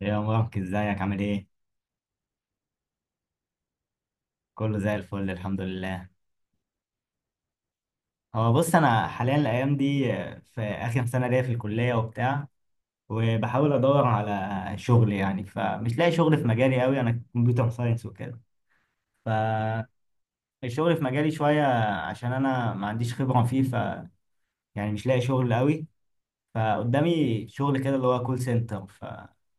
يا مبارك ازيك عامل ايه؟ كله زي الفل الحمد لله. هو بص انا حاليا الايام دي في اخر سنة ليا في الكلية وبتاع، وبحاول ادور على شغل، يعني فمش لاقي شغل في مجالي قوي، انا كمبيوتر ساينس وكده. فالشغل في مجالي شوية عشان انا ما عنديش خبرة فيه، ف يعني مش لاقي شغل قوي. فقدامي شغل كده اللي هو كول سنتر، فعايز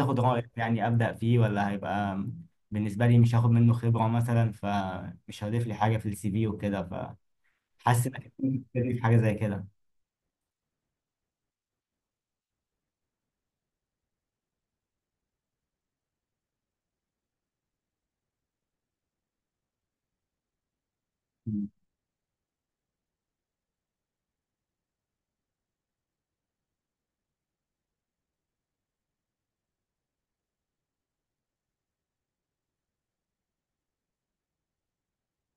اخد رأيك، يعني ابدأ فيه ولا هيبقى بالنسبة لي مش هاخد منه خبرة مثلا، فمش هضيف لي حاجة في السي في وكده. حاسس انك بتبتدي في حاجه زي كده. مم.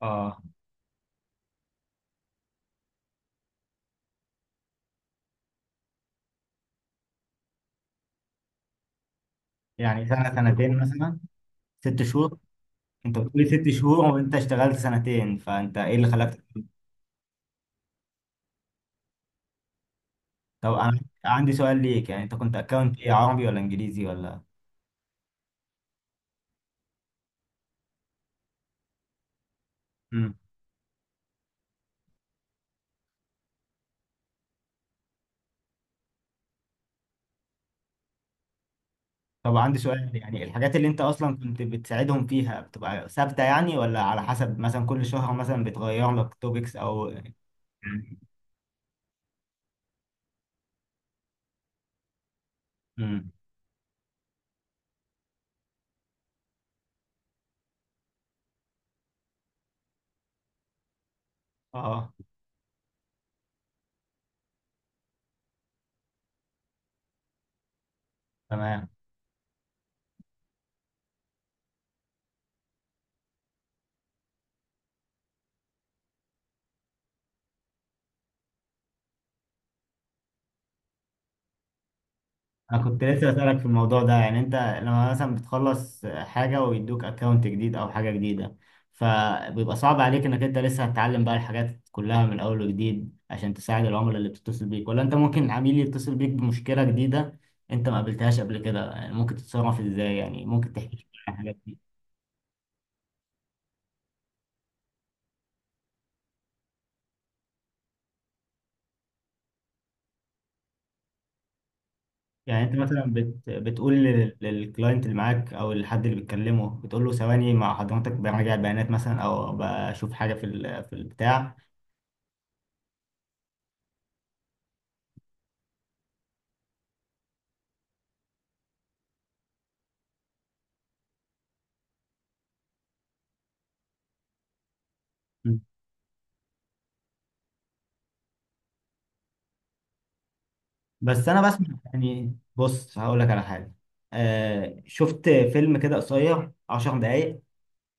اه، يعني سنه سنتين مثلا؟ ست شهور؟ انت بتقولي ست شهور وانت اشتغلت سنتين، فانت ايه اللي خلاك؟ طب انا عندي سؤال ليك، يعني انت كنت اكونت ايه، عربي ولا انجليزي ولا؟ مم. طب عندي سؤال، يعني الحاجات اللي انت اصلا كنت بتساعدهم فيها بتبقى ثابته يعني، ولا على حسب مثلا كل شهر مثلا بتغير لك توبكس او يعني؟ امم. اه تمام. انا كنت لسه بسألك في الموضوع ده، يعني انت لما مثلا بتخلص حاجة ويدوك اكونت جديد او حاجة جديدة، فبيبقى صعب عليك انك انت لسه هتتعلم بقى الحاجات كلها من اول وجديد، عشان تساعد العملاء اللي بتتصل بيك؟ ولا انت ممكن عميل يتصل بيك بمشكلة جديدة انت ما قابلتهاش قبل كده، يعني ممكن تتصرف ازاي؟ يعني ممكن تحكي لي عن الحاجات دي؟ يعني انت مثلا بتقول للكلاينت اللي معاك او الحد اللي بتكلمه، بتقول له ثواني مع حضرتك براجع بيانات مثلا، او بشوف حاجة في ال... في البتاع؟ بس انا بسمع، يعني بص هقول لك على حاجه. آه شفت فيلم كده قصير 10 دقايق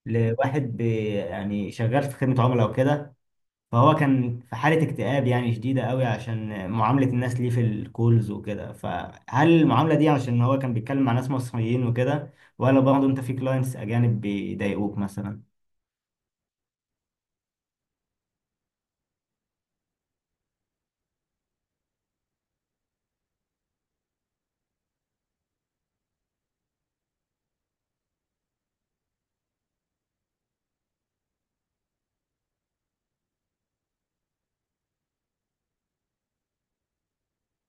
لواحد بي، يعني شغال في خدمه عملاء وكده. فهو كان في حاله اكتئاب يعني شديده قوي عشان معامله الناس ليه في الكولز وكده. فهل المعامله دي عشان هو كان بيتكلم مع ناس مصريين وكده، ولا برضه انت في كلاينتس اجانب بيضايقوك مثلا؟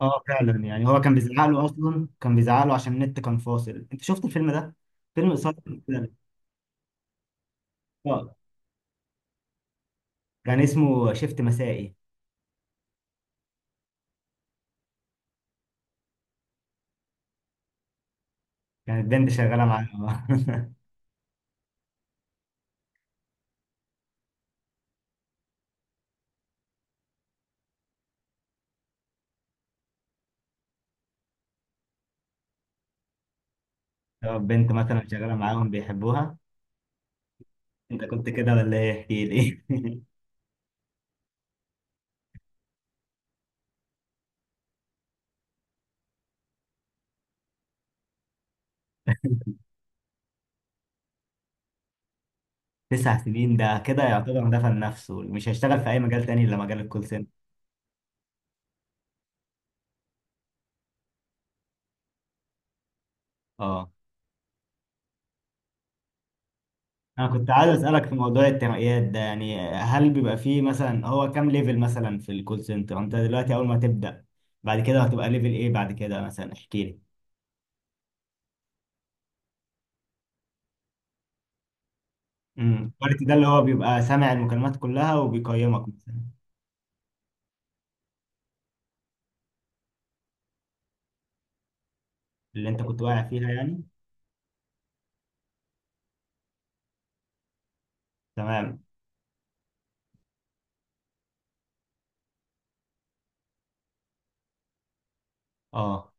اه فعلا، يعني هو كان بيزعق له، اصلا كان بيزعق له عشان النت كان فاصل. انت شفت الفيلم ده؟ فيلم قصير، كان اسمه شيفت مسائي. كانت بنت شغالة معاهم طب بنت مثلا شغالة معاهم بيحبوها؟ انت كنت كده ولا ايه، احكي لي 9 سنين ده كده يعتبر دفن نفسه، مش هيشتغل في اي مجال تاني الا مجال الكول سنتر. اه. انا كنت عايز اسالك في موضوع الترقيات ده، يعني هل بيبقى فيه مثلا، هو كام ليفل مثلا في الكول سنتر؟ انت دلوقتي اول ما تبدا، بعد كده هتبقى ليفل ايه بعد كده مثلا، احكي لي. امم، الكواليتي ده اللي هو بيبقى سامع المكالمات كلها وبيقيمك مثلا؟ اللي انت كنت واقع فيها يعني. تمام. اه.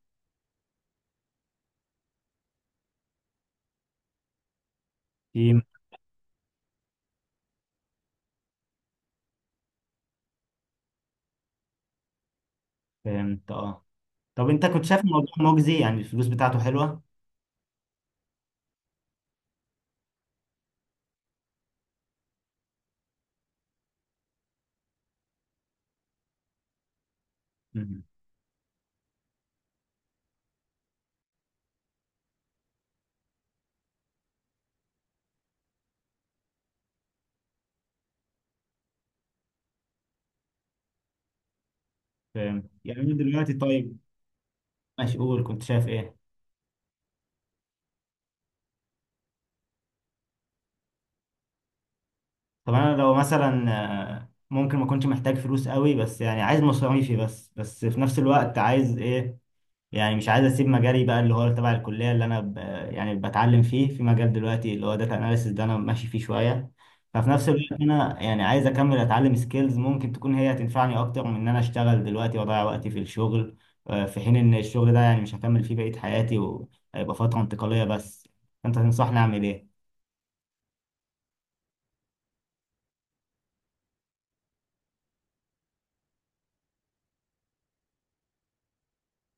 تيم. فهمت، اه. طب انت كنت شايف الموضوع مجزي، يعني الفلوس بتاعته حلوه؟ مم. فهمت. يعني انا دلوقتي طيب، ماشي، قول كنت شايف ايه. طب انا لو مثلا آه، ممكن ما كنتش محتاج فلوس قوي، بس يعني عايز مصاريفي بس، في نفس الوقت عايز ايه، يعني مش عايز اسيب مجالي بقى اللي هو تبع الكليه اللي يعني بتعلم فيه، في مجال دلوقتي اللي هو داتا اناليسيس ده انا ماشي فيه شويه. ففي نفس الوقت انا يعني عايز اكمل اتعلم سكيلز ممكن تكون هي هتنفعني اكتر من ان انا اشتغل دلوقتي واضيع وقتي في الشغل، آه، في حين ان الشغل ده يعني مش هكمل فيه بقيه حياتي، وهيبقى فتره انتقاليه بس. انت تنصحني اعمل ايه؟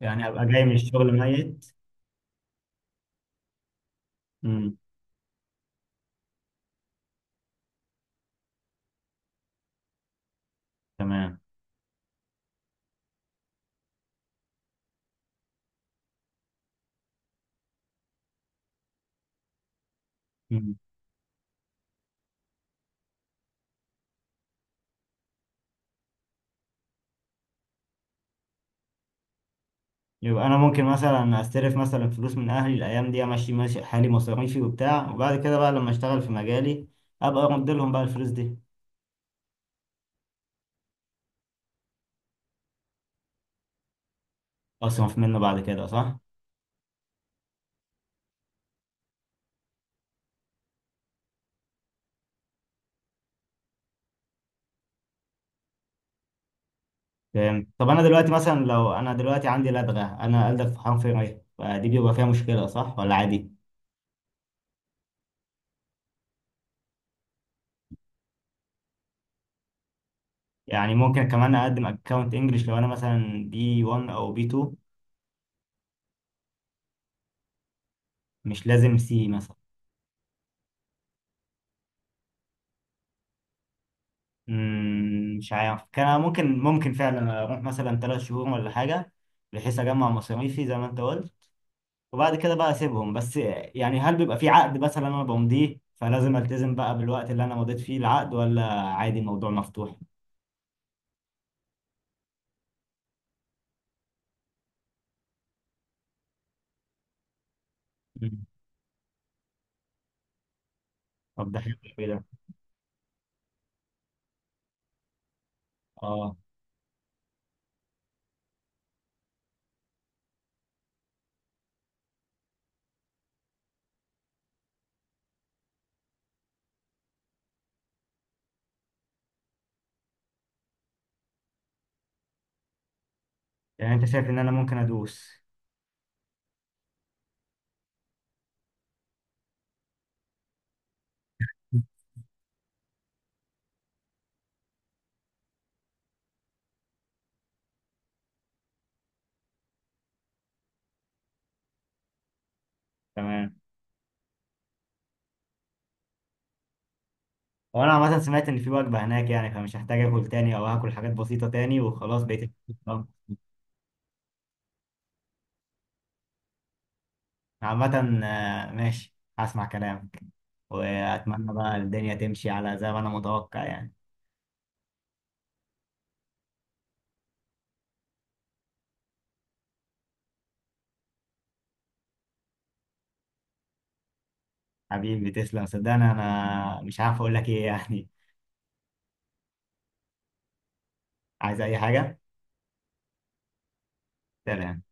يعني ابقى جاي من الشغل ميت؟ امم. تمام. يبقى انا ممكن مثلا استلف مثلا فلوس من اهلي الايام دي، امشي ماشي حالي مصاريفي وبتاع، وبعد كده بقى لما اشتغل في مجالي ابقى ارد لهم بقى الفلوس دي. اصرف منه بعد كده، صح؟ فهمت. طب انا دلوقتي مثلا، لو انا دلوقتي عندي لدغه، انا ألدغ في حرف ر، فدي بيبقى فيها مشكله صح ولا عادي؟ يعني ممكن كمان اقدم اكونت انجلش لو انا مثلا بي 1 او بي 2؟ مش لازم سي مثلا؟ مم، مش عارف، كان ممكن، ممكن فعلا اروح مثلا 3 شهور ولا حاجه، بحيث اجمع مصاريفي زي ما انت قلت، وبعد كده بقى اسيبهم. بس يعني هل بيبقى في عقد مثلا انا بمضيه، فلازم التزم بقى بالوقت اللي انا مضيت فيه العقد، ولا عادي الموضوع مفتوح؟ مم. طب ده حلو أوي ده. اه. يعني انت شايف ان انا ممكن ادوس؟ تمام. هو انا عامه سمعت ان في وجبه هناك، يعني فمش هحتاج اكل تاني، او هاكل حاجات بسيطه تاني وخلاص بقيت. آه. عامه آه، ماشي هسمع كلامك، واتمنى بقى الدنيا تمشي على زي ما انا متوقع يعني. حبيبي تسلم، صدقني انا مش عارف اقول لك ايه يعني. عايز اي حاجه؟ سلام.